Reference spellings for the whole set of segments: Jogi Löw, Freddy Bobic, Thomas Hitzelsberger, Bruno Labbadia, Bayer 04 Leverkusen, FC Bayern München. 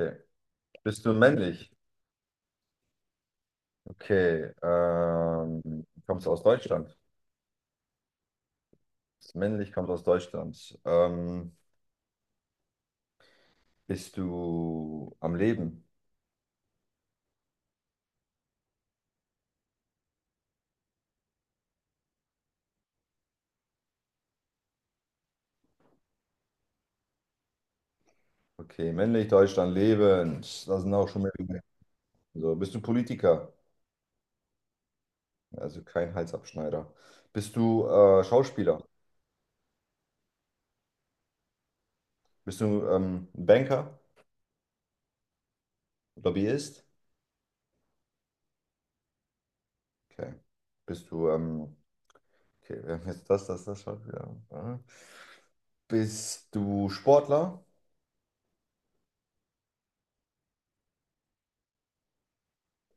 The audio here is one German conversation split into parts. Okay. Bist du männlich? Okay. Kommst du aus Deutschland? Bist männlich, kommst aus Deutschland. Bist du am Leben? Okay, männlich, Deutschland, lebend. Das sind auch schon mehr. So, bist du Politiker? Also kein Halsabschneider. Bist du Schauspieler? Bist du Banker? Lobbyist? Okay. Bist du, ähm, okay, wir haben jetzt das Schauspieler. Aha. Bist du Sportler?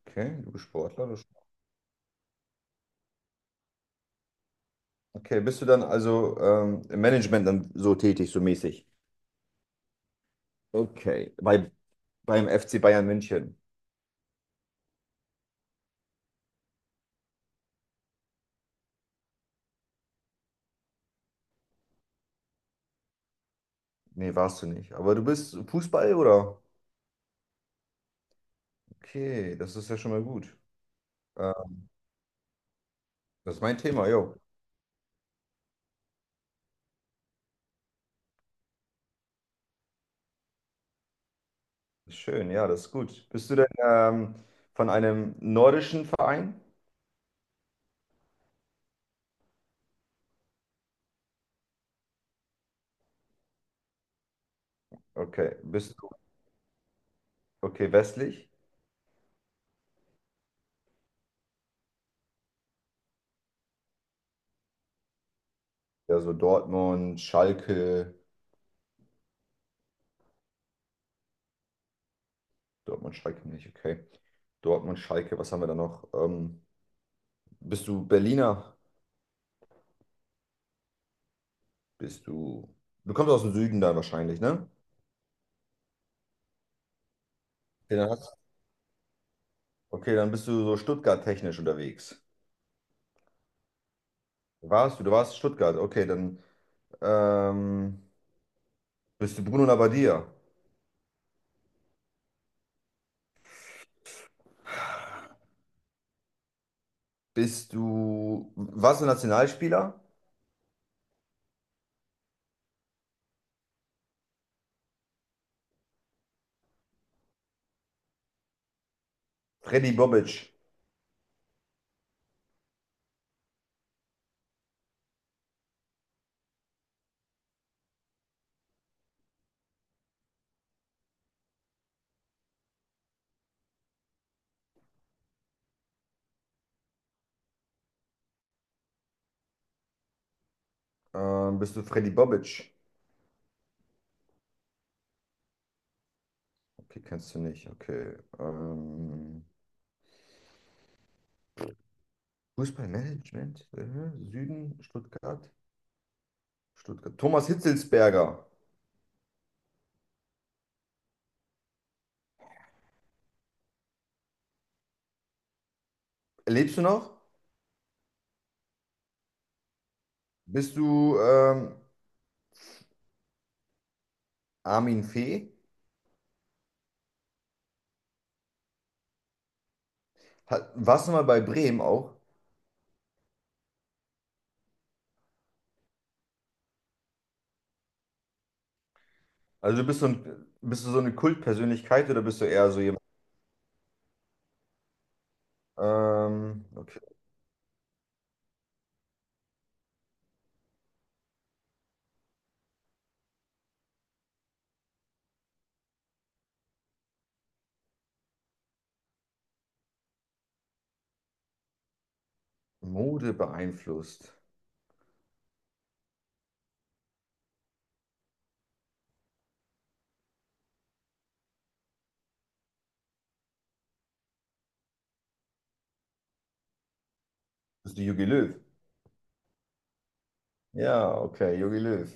Okay, du bist Sportler. Du okay, bist du dann also im Management dann so tätig, so mäßig? Okay, beim FC Bayern München. Nee, warst du nicht. Aber du bist Fußball, oder? Okay, das ist ja schon mal gut. Äh, Das ist mein Thema, jo. Schön, ja, das ist gut. Bist du denn von einem nordischen Verein? Okay, okay, westlich? Ja, so Dortmund, Schalke. Dortmund, Schalke nicht, okay. Dortmund, Schalke, was haben wir da noch? Bist du Berliner? Bist du. Du kommst aus dem Süden dann wahrscheinlich, ne? Okay, okay, dann bist du so Stuttgart-technisch unterwegs. Warst du? Du warst Stuttgart. Okay, dann ähm, bist du Bruno Labbadia. Bist du. Warst du Nationalspieler? Freddy Bobic. Bist du Freddy Bobic? Okay, kennst du nicht. Okay. Fußballmanagement? Süden, Stuttgart. Stuttgart. Thomas Hitzelsberger. Lebst du noch? Bist du Armin Fee? Warst du mal bei Bremen auch? Also bist du, ein, bist du so eine Kultpersönlichkeit oder bist du eher so jemand? Okay. Mode beeinflusst. Bist du Jogi Löw? Ja, okay, Jogi Löw.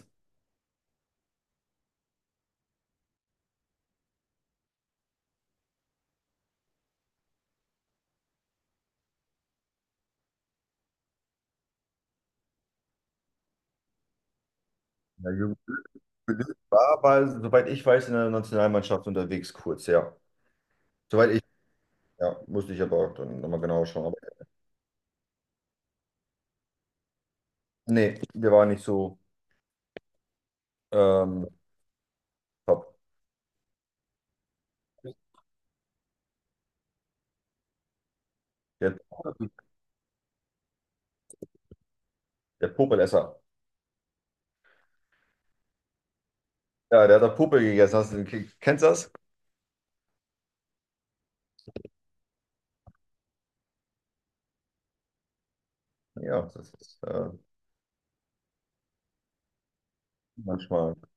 Ja, Jogi Löw war aber, soweit ich weiß, in der Nationalmannschaft unterwegs kurz, ja. Soweit ich, ja, musste ich aber dann nochmal genau schauen. Aber nee, der war nicht so ähm, top. Der, der Popelesser. Ja, der hat da Popel gegessen. Hast du, kennst du das? Ja, das ist manchmal. Ich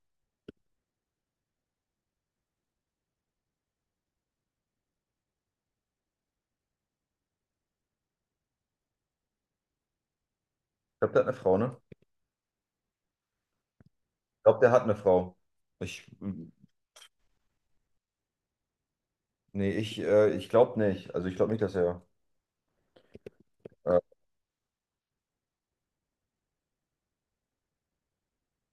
glaube, der hat eine Frau, ne? Glaube, der hat eine Frau. Ich, nee, ich glaube nicht. Also ich glaube nicht, dass er. Äh,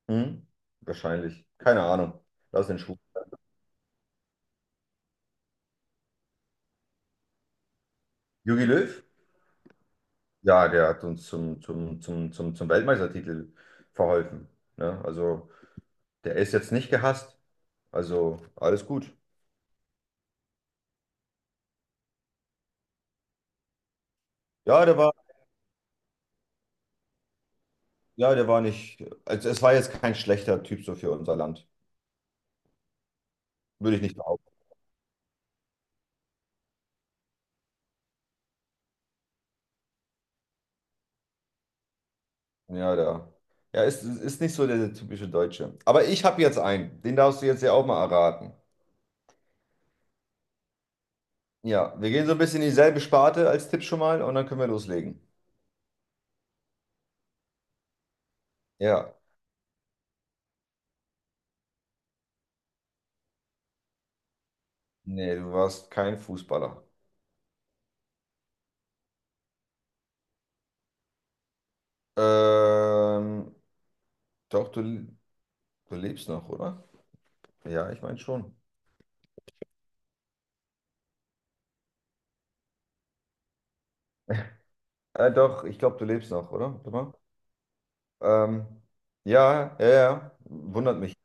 hm? Wahrscheinlich. Keine Ahnung. Lass den Schuh. Jogi Löw? Ja, der hat uns zum Weltmeistertitel verholfen. Ne? Also der ist jetzt nicht gehasst. Also alles gut. Ja, der war, ja, der war nicht. Also es war jetzt kein schlechter Typ so für unser Land. Würde ich nicht behaupten. Ja, der. Ja, ist nicht so der typische Deutsche. Aber ich habe jetzt einen. Den darfst du jetzt ja auch mal erraten. Ja, wir gehen so ein bisschen in dieselbe Sparte als Tipp schon mal und dann können wir loslegen. Ja, nee, du warst kein Fußballer. Ähm, doch, du lebst noch, oder? Ja, ich meine schon. Doch, ich glaube, du lebst noch, oder? Warte mal. Ähm, ja, ja, ja, wundert mich.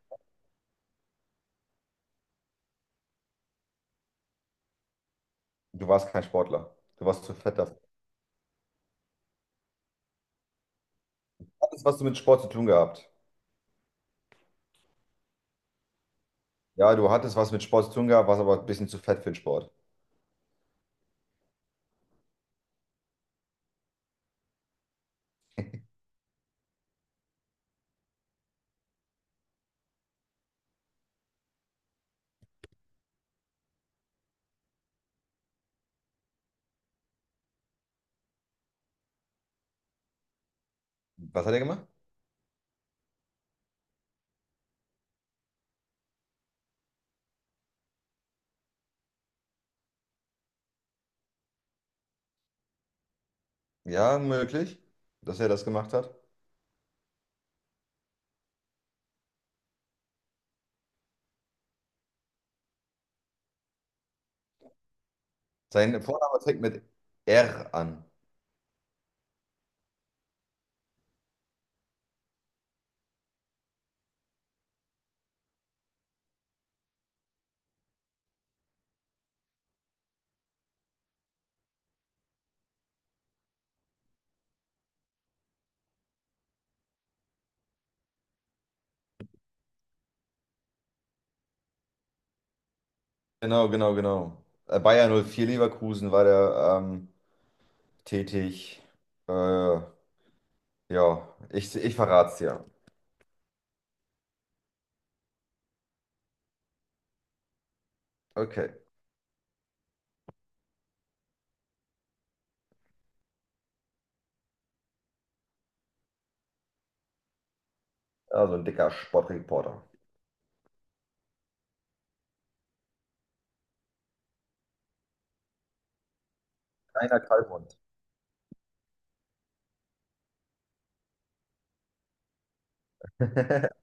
Du warst kein Sportler. Du warst zu fett dafür. Du hattest was mit Sport zu tun gehabt. Ja, du hattest was mit Sport zu tun gehabt, warst aber ein bisschen zu fett für den Sport. Was hat er gemacht? Ja, möglich, dass er das gemacht hat. Sein Vorname fängt mit R an. Genau, genau, genau. Bayer 04 Leverkusen war der tätig. Äh, ja, ich verrat's dir. Okay. Also ein dicker Sportreporter. Einer Kalbhund.